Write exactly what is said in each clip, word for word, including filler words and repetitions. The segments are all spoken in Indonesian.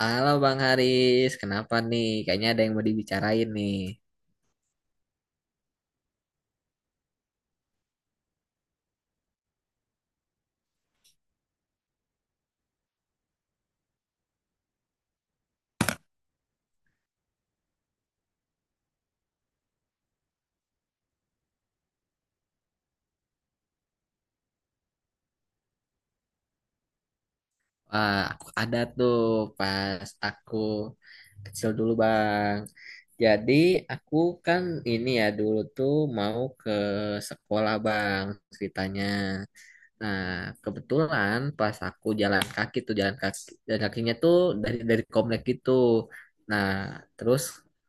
Halo Bang Haris, kenapa nih? Kayaknya ada yang mau dibicarain nih. Wah, aku ada tuh pas aku kecil dulu Bang. Jadi aku kan ini ya dulu tuh mau ke sekolah Bang ceritanya. Nah, kebetulan pas aku jalan kaki tuh jalan kaki jalan kakinya tuh dari dari komplek gitu. Nah, terus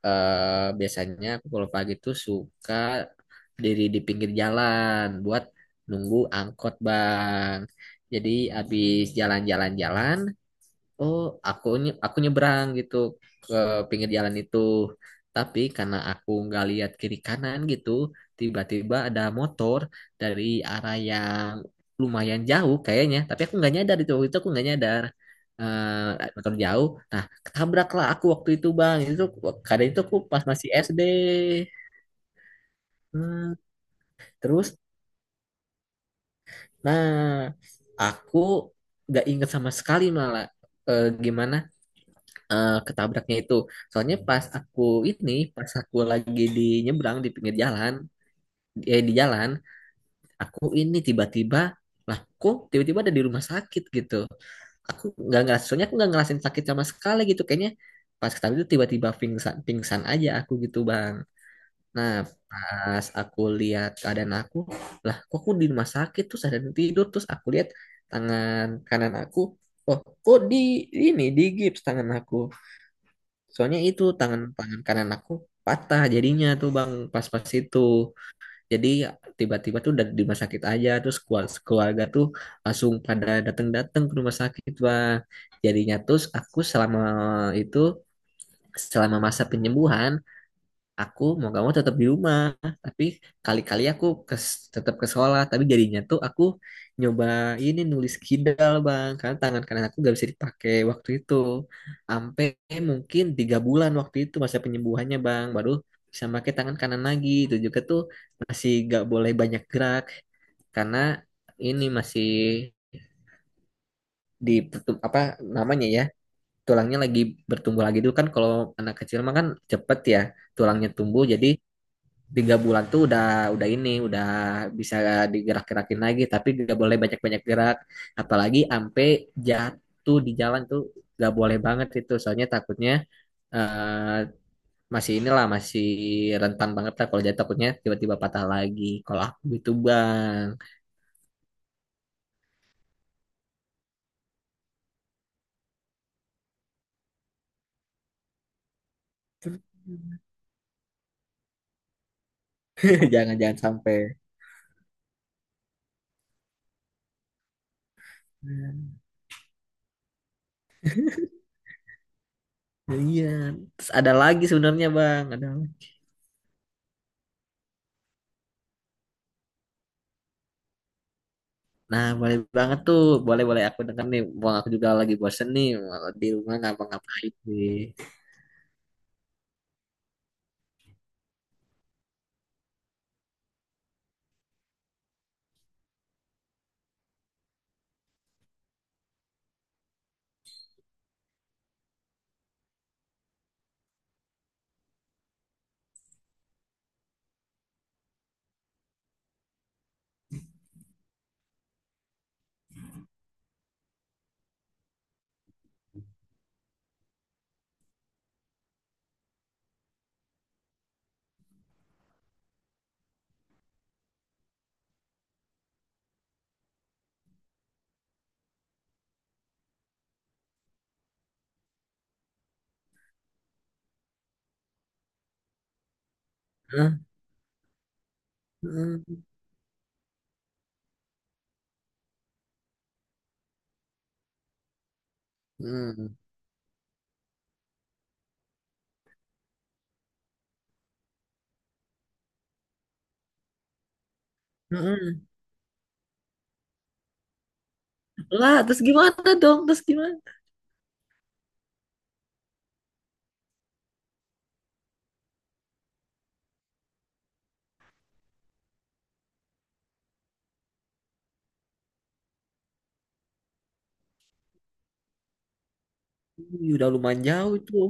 eh, biasanya aku kalau pagi tuh suka diri di pinggir jalan buat nunggu angkot, Bang. Jadi habis jalan-jalan-jalan oh aku nye- aku nyebrang gitu ke pinggir jalan itu, tapi karena aku nggak lihat kiri kanan gitu tiba-tiba ada motor dari arah yang lumayan jauh kayaknya, tapi aku nggak nyadar itu, waktu itu aku nggak nyadar. Eh, eh, motor jauh, nah ketabraklah aku waktu itu bang. Itu kadang itu aku pas masih S D. Hmm, terus nah aku nggak inget sama sekali malah eh, gimana eh, ketabraknya itu. Soalnya pas aku ini, pas aku lagi di nyebrang di pinggir jalan, eh di jalan, aku ini tiba-tiba, lah kok tiba-tiba ada di rumah sakit gitu. Aku nggak ngerasa, soalnya aku nggak ngerasain sakit sama sekali gitu. Kayaknya pas ketabrak itu tiba-tiba pingsan, pingsan aja aku gitu bang. Nah pas aku lihat keadaan aku, lah kok aku di rumah sakit, terus ada yang tidur, terus aku lihat tangan kanan aku, oh kok di ini di gips tangan aku. Soalnya itu tangan tangan kanan aku patah jadinya tuh bang pas-pas itu. Jadi tiba-tiba tuh udah di rumah sakit aja, terus keluarga, keluarga tuh langsung pada datang-datang ke rumah sakit bang. Jadinya terus aku selama itu, selama masa penyembuhan aku mau gak mau tetap di rumah, tapi kali-kali aku ke, tetap ke sekolah, tapi jadinya tuh aku nyoba ini nulis kidal bang karena tangan kanan aku gak bisa dipakai waktu itu sampai mungkin tiga bulan waktu itu masa penyembuhannya bang, baru bisa pakai tangan kanan lagi. Itu juga tuh masih gak boleh banyak gerak karena ini masih di pertum- apa namanya ya, tulangnya lagi bertumbuh lagi dulu kan, kalau anak kecil mah kan cepet ya tulangnya tumbuh. Jadi tiga bulan tuh udah udah ini udah bisa digerak-gerakin lagi, tapi gak boleh banyak-banyak gerak, apalagi ampe jatuh di jalan tuh gak boleh banget itu, soalnya takutnya eh, masih inilah, masih rentan banget lah, kalau jatuh takutnya tiba-tiba patah lagi kalau aku gitu bang. Jangan-jangan sampai. Nah, iya, terus ada lagi sebenarnya bang, ada. Nah, boleh banget tuh. Boleh-boleh aku denger nih. Bang, aku juga lagi bosen nih. Di rumah ngapa-ngapain sih. Heeh, heeh, heeh, heeh. Lah, terus gimana dong? Terus gimana? Ih, udah lumayan jauh tuh.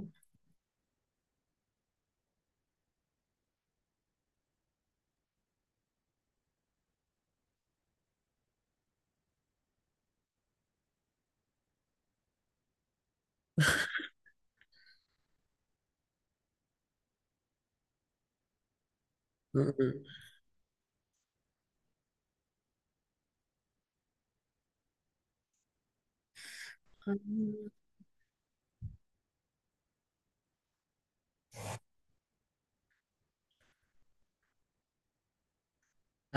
Heeh.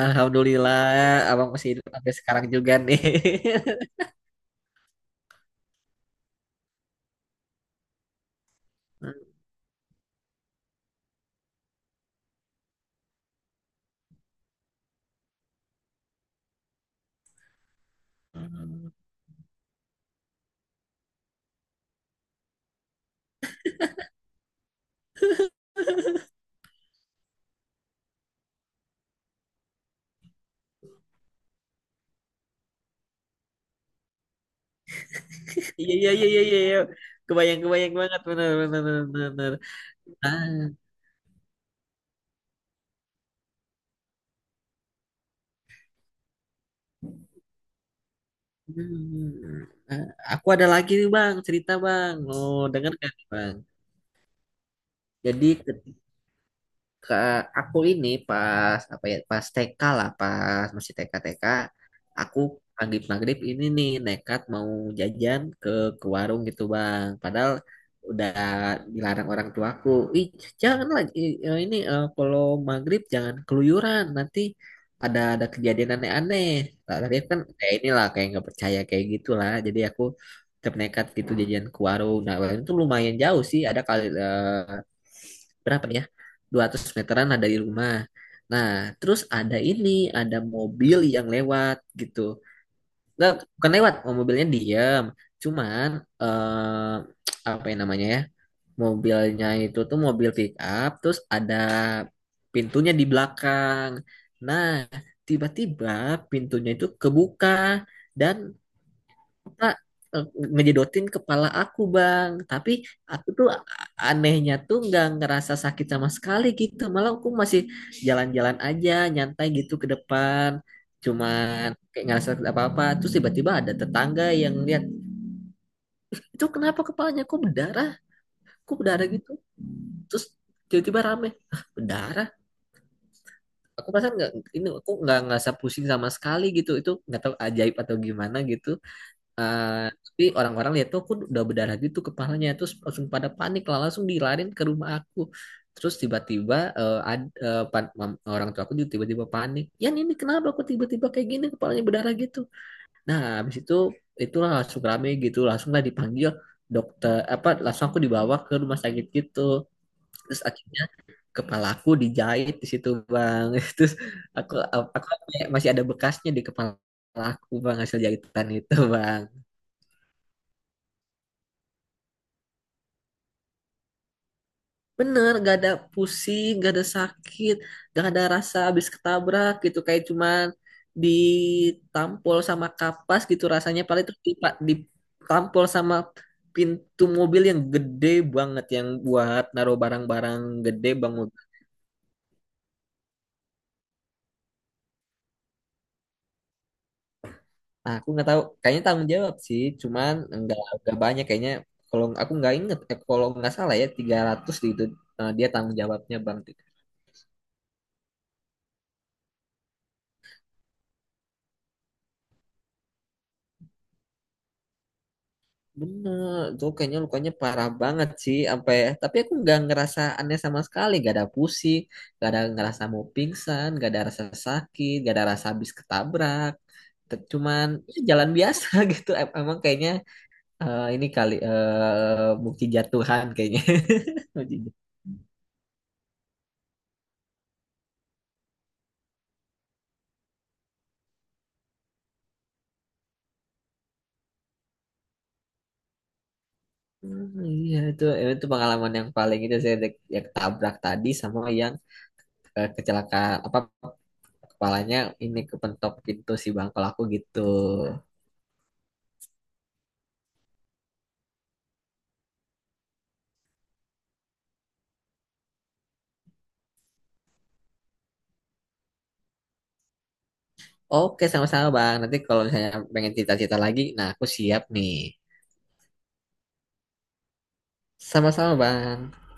Alhamdulillah, abang masih hidup sampai sekarang juga nih. Iya, iya, iya, iya, iya. iya. Kebayang, kebayang banget, bener, bener, bener, bener. Ah, hmm. Ah, aku ada lagi nih, Bang, cerita, Bang. Oh, denger kan, Bang? Jadi, ketika ke aku ini pas apa ya, pas T K lah, pas masih T K T K aku, maghrib maghrib ini nih nekat mau jajan ke ke warung gitu bang, padahal udah dilarang orang tuaku, ih jangan lagi eh, ini eh, kalau maghrib jangan keluyuran nanti ada ada kejadian aneh-aneh. Lah tapi kan kayak inilah, kayak nggak percaya kayak gitulah, jadi aku tetap nekat gitu jajan ke warung. Nah warung itu lumayan jauh sih, ada kali eh, berapa ya, dua ratus meteran lah dari rumah. Nah terus ada ini, ada mobil yang lewat gitu, nggak bukan lewat, oh, mobilnya diem, cuman eh, apa yang namanya ya, mobilnya itu tuh mobil pick up, terus ada pintunya di belakang. Nah tiba-tiba pintunya itu kebuka, dan Pak, eh, ngejedotin kepala aku bang. Tapi aku tuh a- anehnya tuh nggak ngerasa sakit sama sekali gitu, malah aku masih jalan-jalan aja nyantai gitu ke depan, cuman kayak nggak sakit apa-apa. Terus tiba-tiba ada tetangga yang lihat, itu kenapa kepalanya kok berdarah, kok berdarah gitu. Terus tiba-tiba rame, "Hah, berdarah, aku perasaan nggak ini, aku nggak ngerasa pusing sama sekali gitu, itu nggak tahu ajaib atau gimana gitu. Eh, tapi orang-orang lihat tuh aku udah berdarah gitu kepalanya, terus langsung pada panik lah, langsung dilarin ke rumah aku. Terus tiba-tiba eh, ad- eh, pan- mam- orang tua aku juga tiba-tiba panik ya, ini kenapa aku tiba-tiba kayak gini kepalanya berdarah gitu. Nah habis itu itulah langsung rame gitu, langsung lah dipanggil dokter apa, langsung aku dibawa ke rumah sakit gitu. Terus akhirnya kepala aku dijahit di situ bang. Terus aku aku kayak masih ada bekasnya di kepala aku bang, hasil jahitan itu bang. Bener, gak ada pusing, gak ada sakit, gak ada rasa habis ketabrak gitu. Kayak cuman ditampol sama kapas gitu rasanya. Paling terus dipa- ditampol sama pintu mobil yang gede banget. Yang buat naruh barang-barang gede banget. Nah, aku nggak tahu. Kayaknya tanggung jawab sih. Cuman nggak nggak banyak kayaknya. Kalau aku nggak inget, eh, kalau nggak salah ya tiga ratus gitu eh, dia tanggung jawabnya bang. Bener, tuh kayaknya lukanya parah banget sih, apa ya? Tapi aku nggak ngerasa aneh sama sekali, nggak ada pusing, nggak ada ngerasa mau pingsan, nggak ada rasa sakit, nggak ada rasa habis ketabrak. Te- Cuman ya, jalan biasa gitu. Em- Emang kayaknya eh, ini kali eh bukti jatuhan kayaknya. Bukti jat- Hmm, iya itu eh, itu pengalaman yang paling itu, saya dek- yang ketabrak tadi sama yang eh, kecelakaan apa, kepalanya ini kepentok pintu si bangkel aku gitu. Oke, sama-sama Bang. Nanti kalau misalnya pengen cerita-cerita lagi, nah aku siap nih. Sama-sama Bang.